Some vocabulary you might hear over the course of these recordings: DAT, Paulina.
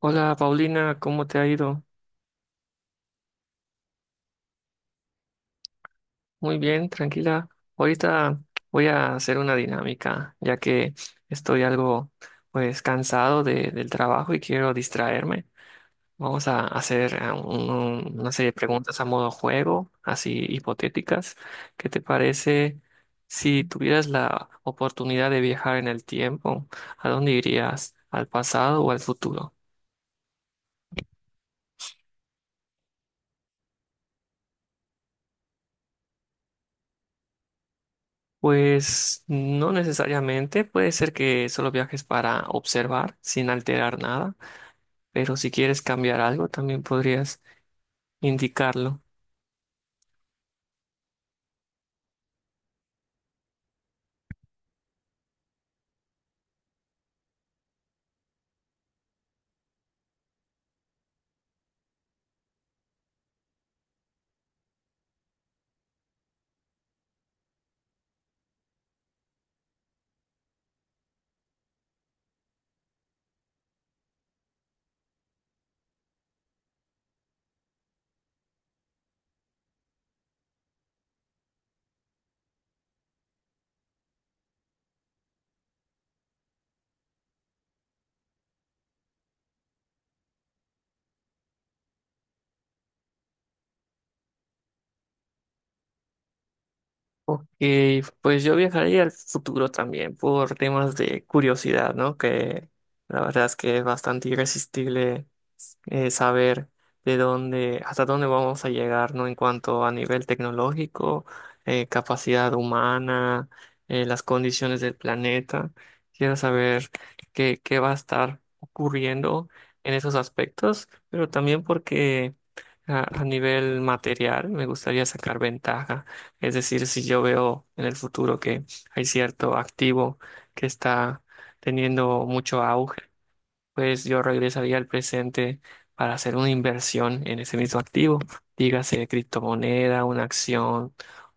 Hola Paulina, ¿cómo te ha ido? Muy bien, tranquila. Ahorita voy a hacer una dinámica, ya que estoy algo, pues, cansado del trabajo y quiero distraerme. Vamos a hacer una serie de preguntas a modo juego, así hipotéticas. ¿Qué te parece si tuvieras la oportunidad de viajar en el tiempo? ¿A dónde irías? ¿Al pasado o al futuro? Pues no necesariamente, puede ser que solo viajes para observar sin alterar nada, pero si quieres cambiar algo también podrías indicarlo. Ok, pues yo viajaría al futuro también por temas de curiosidad, ¿no? Que la verdad es que es bastante irresistible, saber de dónde, hasta dónde vamos a llegar, ¿no? En cuanto a nivel tecnológico, capacidad humana, las condiciones del planeta. Quiero saber qué, qué va a estar ocurriendo en esos aspectos, pero también porque a nivel material me gustaría sacar ventaja. Es decir, si yo veo en el futuro que hay cierto activo que está teniendo mucho auge, pues yo regresaría al presente para hacer una inversión en ese mismo activo, dígase criptomoneda, una acción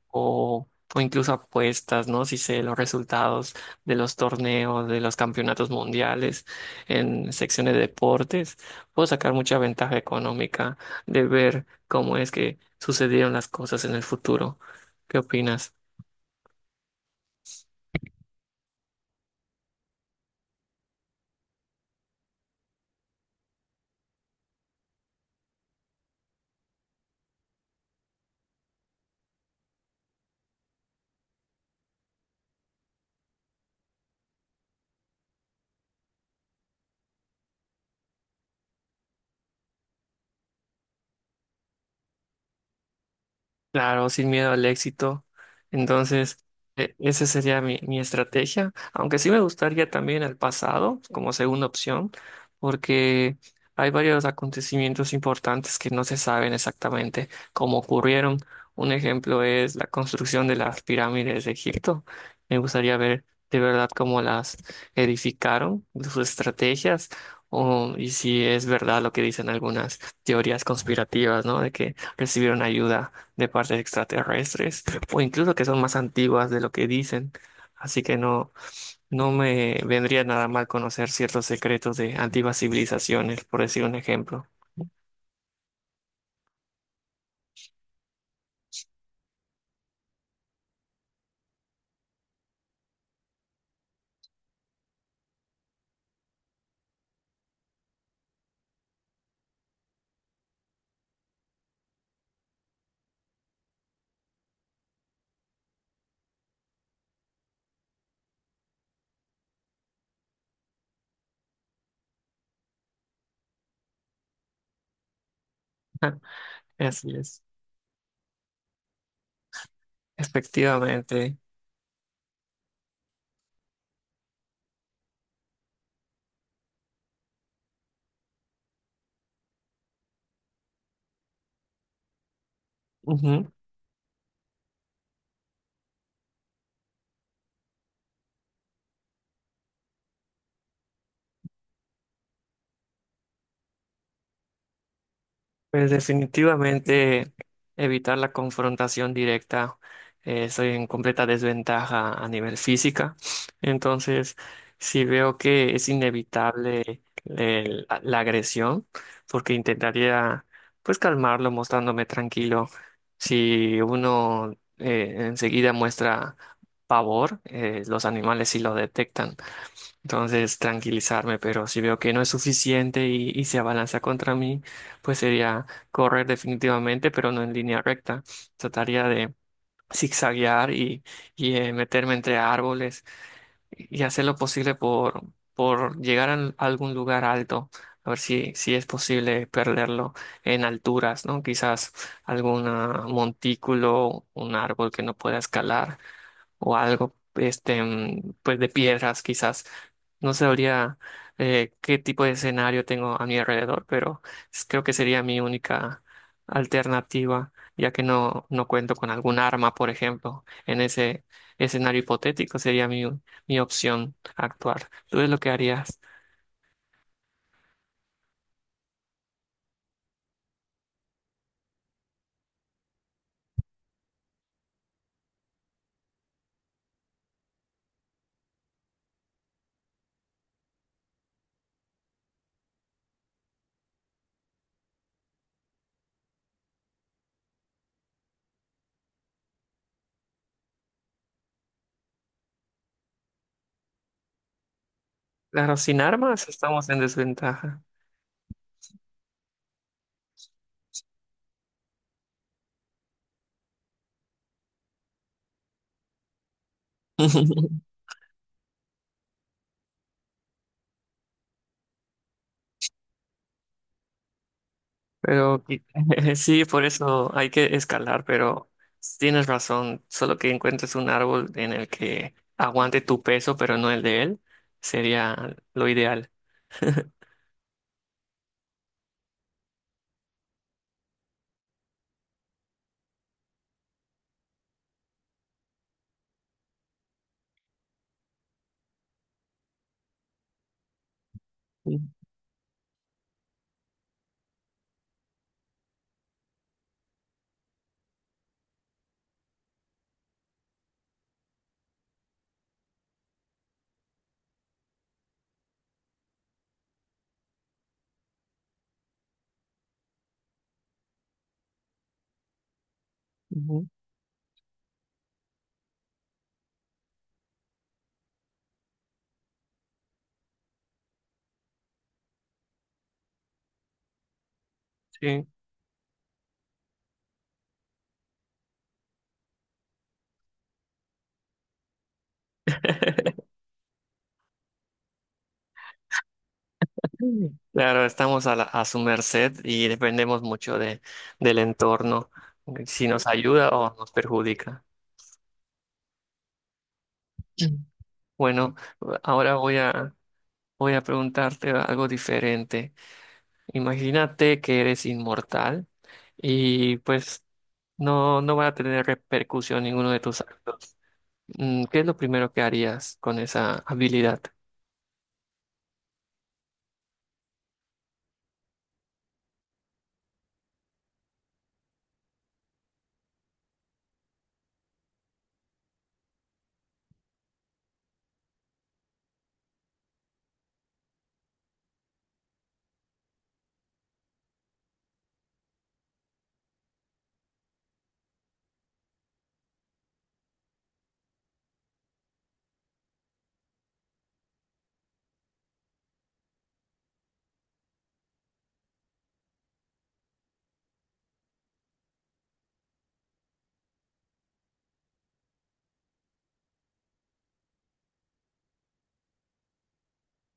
o, o incluso apuestas, ¿no? Si sé los resultados de los torneos, de los campeonatos mundiales en secciones de deportes, puedo sacar mucha ventaja económica de ver cómo es que sucedieron las cosas en el futuro. ¿Qué opinas? Claro, sin miedo al éxito. Entonces, esa sería mi estrategia, aunque sí me gustaría también el pasado como segunda opción, porque hay varios acontecimientos importantes que no se saben exactamente cómo ocurrieron. Un ejemplo es la construcción de las pirámides de Egipto. Me gustaría ver de verdad cómo las edificaron, sus estrategias, o, y si es verdad lo que dicen algunas teorías conspirativas, ¿no? De que recibieron ayuda de partes extraterrestres o incluso que son más antiguas de lo que dicen. Así que no, no me vendría nada mal conocer ciertos secretos de antiguas civilizaciones, por decir un ejemplo. Así es, efectivamente. Pues definitivamente evitar la confrontación directa. Estoy en completa desventaja a nivel física. Entonces, si veo que es inevitable la agresión, porque intentaría pues calmarlo mostrándome tranquilo. Si uno, enseguida muestra pavor, los animales sí lo detectan. Entonces, tranquilizarme, pero si veo que no es suficiente y se abalanza contra mí, pues sería correr definitivamente, pero no en línea recta. Trataría de zigzaguear y meterme entre árboles y hacer lo posible por llegar a algún lugar alto, a ver si, si es posible perderlo en alturas, ¿no? Quizás algún montículo, un árbol que no pueda escalar o algo, este, pues de piedras quizás. No sabría, qué tipo de escenario tengo a mi alrededor, pero creo que sería mi única alternativa, ya que no, no cuento con algún arma, por ejemplo. En ese escenario hipotético sería mi opción actuar. ¿Tú es lo que harías? Claro, sin armas estamos en desventaja. Pero sí, por eso hay que escalar, pero tienes razón, solo que encuentres un árbol en el que aguante tu peso, pero no el de él, sería lo ideal. Ujú, ujú, sí. Claro, estamos a, a su merced y dependemos mucho de, del entorno, si nos ayuda o nos perjudica. Bueno, ahora voy a preguntarte algo diferente. Imagínate que eres inmortal y pues no, no va a tener repercusión ninguno de tus actos. Mm, ¿qué es lo primero que harías con esa habilidad?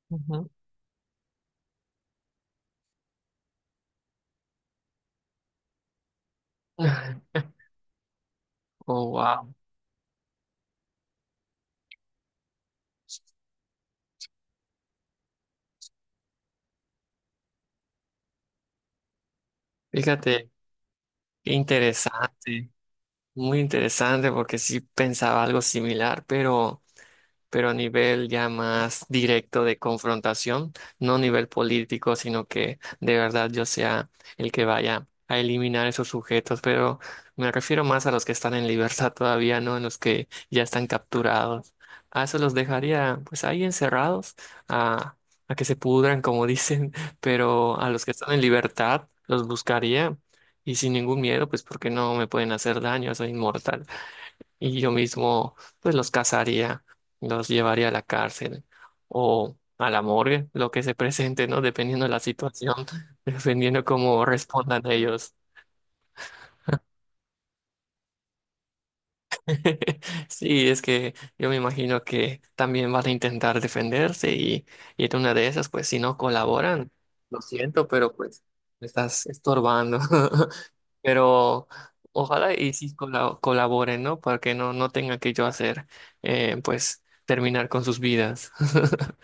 Ujú. Oh, wow. Fíjate, qué interesante, muy interesante porque sí pensaba algo similar, pero a nivel ya más directo de confrontación, no a nivel político, sino que de verdad yo sea el que vaya a eliminar esos sujetos, pero me refiero más a los que están en libertad todavía, no en los que ya están capturados. A esos los dejaría pues ahí encerrados, a, a que se pudran, como dicen, pero a los que están en libertad los buscaría y sin ningún miedo, pues porque no me pueden hacer daño, soy inmortal y yo mismo pues los cazaría, los llevaría a la cárcel o a la morgue, lo que se presente, ¿no? Dependiendo de la situación, dependiendo cómo respondan ellos. Sí, es que yo me imagino que también van a intentar defenderse y en una de esas, pues si no colaboran, lo siento, pero pues me estás estorbando. Pero ojalá y sí colaboren, ¿no? Para que no, no tenga que yo hacer, pues terminar con sus vidas.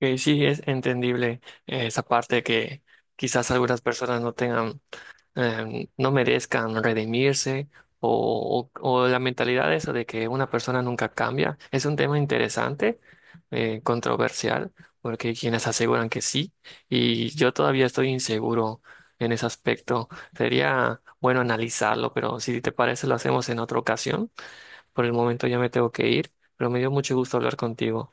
Que sí es entendible, esa parte, que quizás algunas personas no tengan, no merezcan redimirse o, o la mentalidad esa de que una persona nunca cambia. Es un tema interesante, controversial, porque hay quienes aseguran que sí y yo todavía estoy inseguro en ese aspecto. Sería bueno analizarlo, pero si te parece lo hacemos en otra ocasión. Por el momento ya me tengo que ir, pero me dio mucho gusto hablar contigo.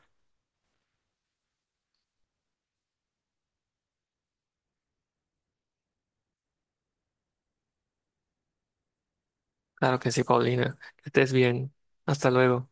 Claro que sí, Paulina. Que estés bien. Hasta luego.